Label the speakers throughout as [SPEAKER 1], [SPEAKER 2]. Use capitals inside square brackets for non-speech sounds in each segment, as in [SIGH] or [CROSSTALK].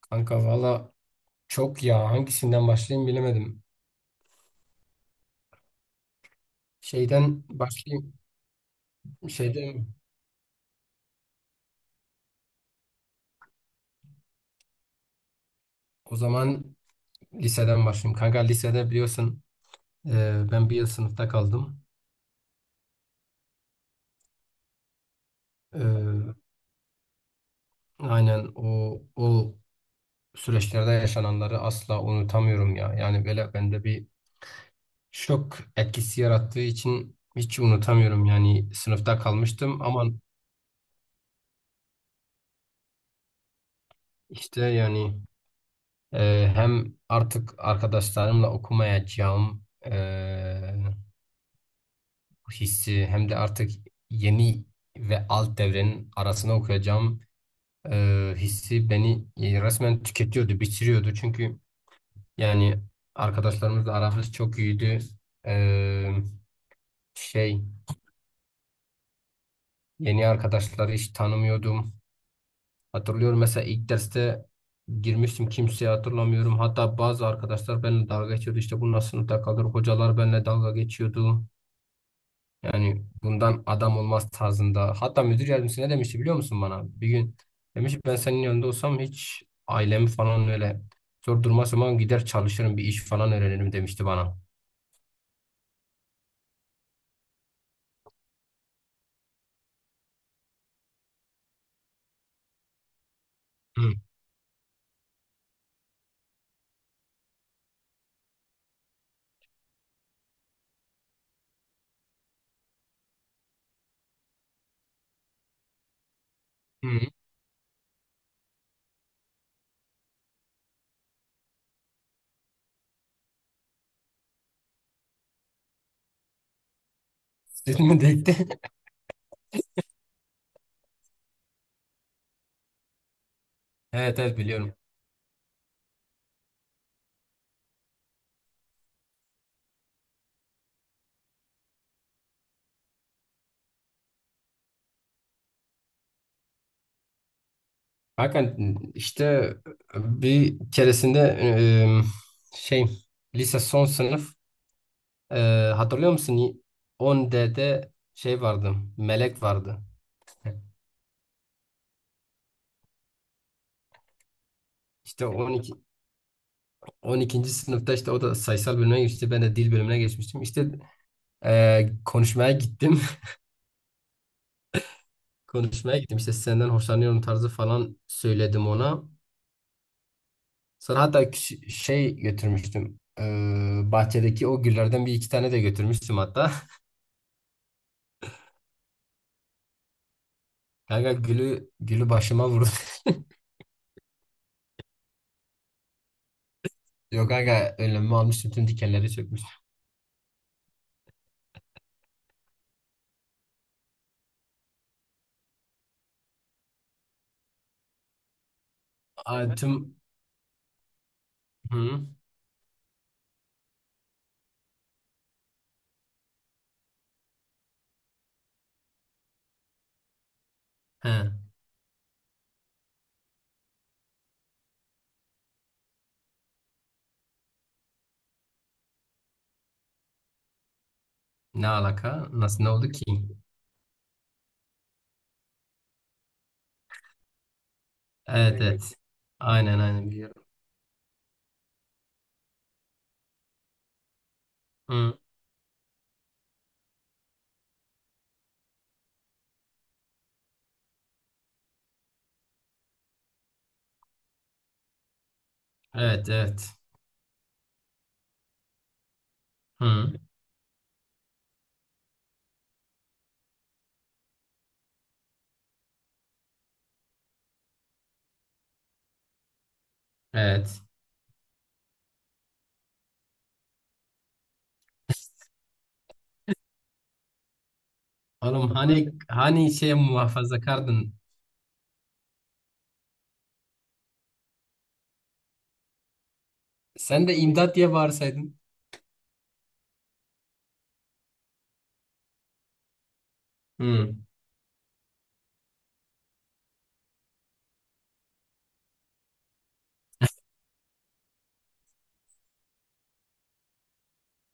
[SPEAKER 1] Kanka valla çok ya hangisinden başlayayım bilemedim. Şeyden başlayayım. Şeyden O zaman liseden başlayayım. Kanka lisede biliyorsun, ben bir yıl sınıfta kaldım. E, aynen o süreçlerde yaşananları asla unutamıyorum ya. Yani böyle bende bir şok etkisi yarattığı için hiç unutamıyorum. Yani sınıfta kalmıştım ama işte yani, hem artık arkadaşlarımla okumayacağım. Hissi hem de artık yeni ve alt devrenin arasına okuyacağım hissi beni resmen tüketiyordu, bitiriyordu. Çünkü yani arkadaşlarımızla aramız çok iyiydi. E, şey yeni arkadaşları hiç tanımıyordum. Hatırlıyorum, mesela ilk derste girmiştim, kimseyi hatırlamıyorum. Hatta bazı arkadaşlar benimle dalga geçiyordu. İşte bu nasıl sınıfta kalır? Hocalar benimle dalga geçiyordu. Yani bundan adam olmaz tarzında. Hatta müdür yardımcısı ne demişti biliyor musun bana? Bir gün demiş ki, ben senin yanında olsam hiç ailemi falan öyle zor duruma sokmam, gider çalışırım, bir iş falan öğrenirim, demişti bana. Hı. Hı. Sizin mi denkti? [LAUGHS] Evet, evet biliyorum. Hakan işte bir keresinde e, şey lise son sınıf, e, hatırlıyor musun? 10D'de şey vardı. Melek vardı. İşte 12. 12. sınıfta işte o da sayısal bölüme geçti. Ben de dil bölümüne geçmiştim. İşte konuşmaya gittim. [LAUGHS] Konuşmaya gittim. İşte senden hoşlanıyorum tarzı falan söyledim ona. Sonra hatta şey götürmüştüm. Bahçedeki o güllerden bir iki tane de götürmüştüm hatta. [LAUGHS] Kanka gülü başıma vurdu. [LAUGHS] Yok kanka, önlemimi almıştım. Tüm dikenleri çökmüş. Aa, tüm... Hı? He. Ne alaka? Nasıl ne oldu ki? Evet, evet. Aynen, aynen biliyorum. Hı. Evet, evet. Hı. Evet. Oğlum hani şey muhafaza kardın. Sen de imdat diye bağırsaydın. Hı.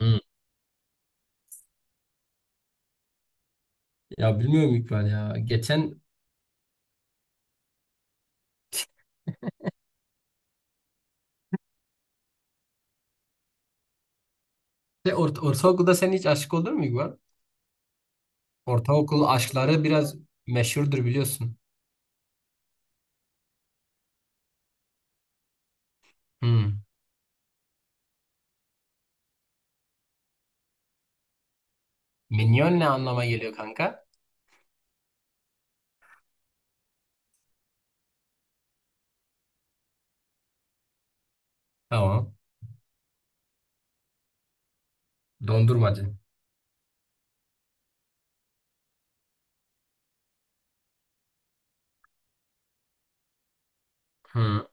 [SPEAKER 1] Hı. Ya bilmiyorum İkbal ya. Geçen de ortaokulda sen hiç aşık olur mu İkbal? Ortaokul aşkları biraz meşhurdur biliyorsun. Hı. Minyon ne anlama geliyor kanka? Tamam. Dondurmacı. Hı.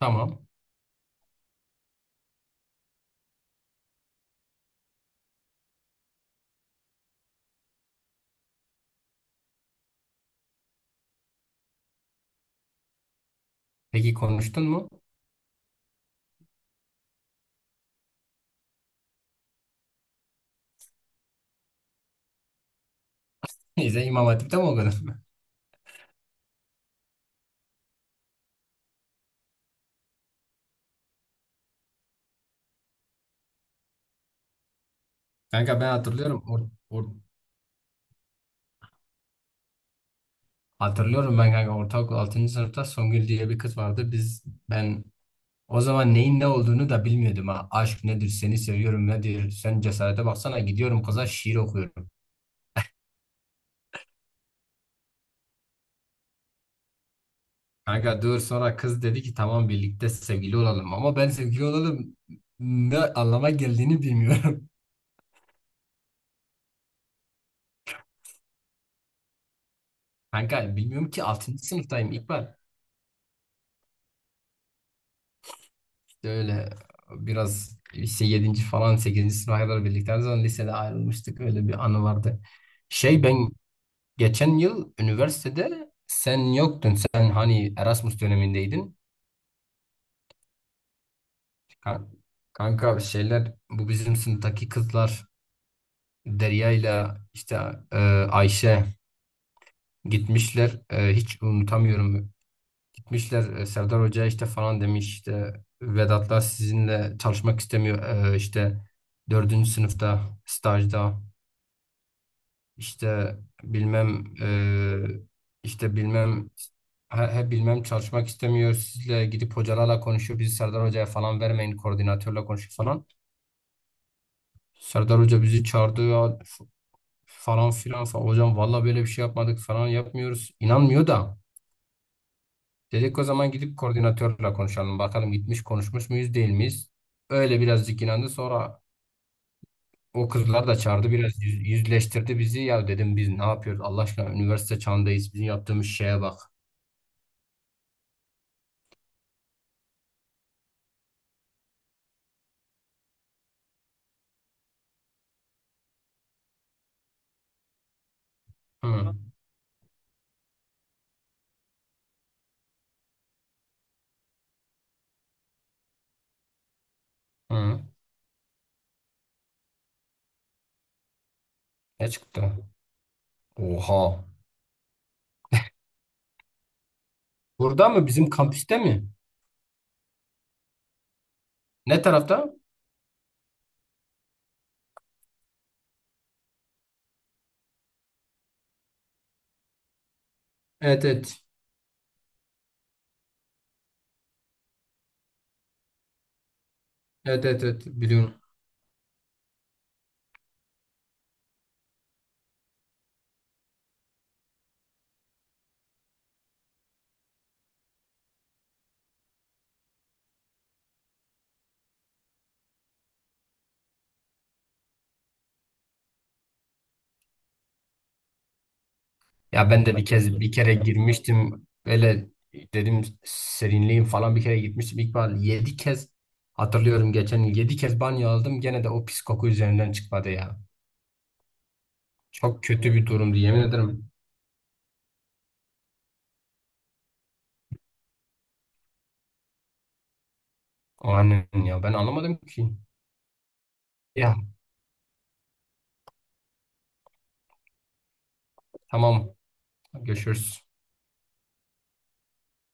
[SPEAKER 1] Tamam. Peki konuştun mu? [LAUGHS] Neyse, İmam Hatip'te mi okudun? [LAUGHS] Kanka ben hatırlıyorum. Or- hatırlıyorum ben kanka, ortaokul 6. sınıfta Songül diye bir kız vardı. Ben o zaman neyin ne olduğunu da bilmiyordum ha. Aşk nedir, seni seviyorum nedir? Sen cesarete baksana, gidiyorum kıza şiir okuyorum. Kanka dur, sonra kız dedi ki tamam birlikte sevgili olalım. Ama ben sevgili olalım ne anlama geldiğini bilmiyorum. [LAUGHS] Kanka bilmiyorum ki altıncı sınıftayım İkbal. İşte öyle biraz lise yedinci falan, sekizinci sınıfa kadar birlikte. O zaman lisede ayrılmıştık, öyle bir anı vardı. Şey, ben geçen yıl üniversitede sen yoktun. Sen hani Erasmus dönemindeydin. Ka- Kanka şeyler, bu bizim sınıftaki kızlar Derya ile işte, e, Ayşe gitmişler. Hiç unutamıyorum, gitmişler, Serdar Hoca işte falan demiş, işte Vedatlar sizinle çalışmak istemiyor. İşte dördüncü sınıfta stajda işte bilmem, işte bilmem, he bilmem çalışmak istemiyor, sizle gidip hocalarla konuşuyor, bizi Serdar Hoca'ya falan vermeyin, koordinatörle konuşuyor falan. Serdar Hoca bizi çağırdı ya. Falan filan falan. Hocam valla böyle bir şey yapmadık, falan yapmıyoruz. İnanmıyor da. Dedik o zaman gidip koordinatörle konuşalım. Bakalım gitmiş konuşmuş muyuz değil miyiz? Öyle birazcık inandı. Sonra o kızlar da çağırdı. Biraz yüzleştirdi bizi. Ya dedim biz ne yapıyoruz? Allah aşkına üniversite çağındayız. Bizim yaptığımız şeye bak. Hı. Hı. Ne çıktı? Oha. Burada mı? Bizim kampüste mi? Ne tarafta? Evet, evet. Evet, evet, evet. Biliyorum. Ya ben de bir kere girmiştim. Öyle dedim serinleyeyim falan, bir kere gitmiştim. İlk ben 7 kez hatırlıyorum, geçen yıl 7 kez banyo aldım. Gene de o pis koku üzerinden çıkmadı ya. Çok kötü bir durumdu, yemin ederim. O annen ya, ben anlamadım ki. Ya tamam, görüşürüz.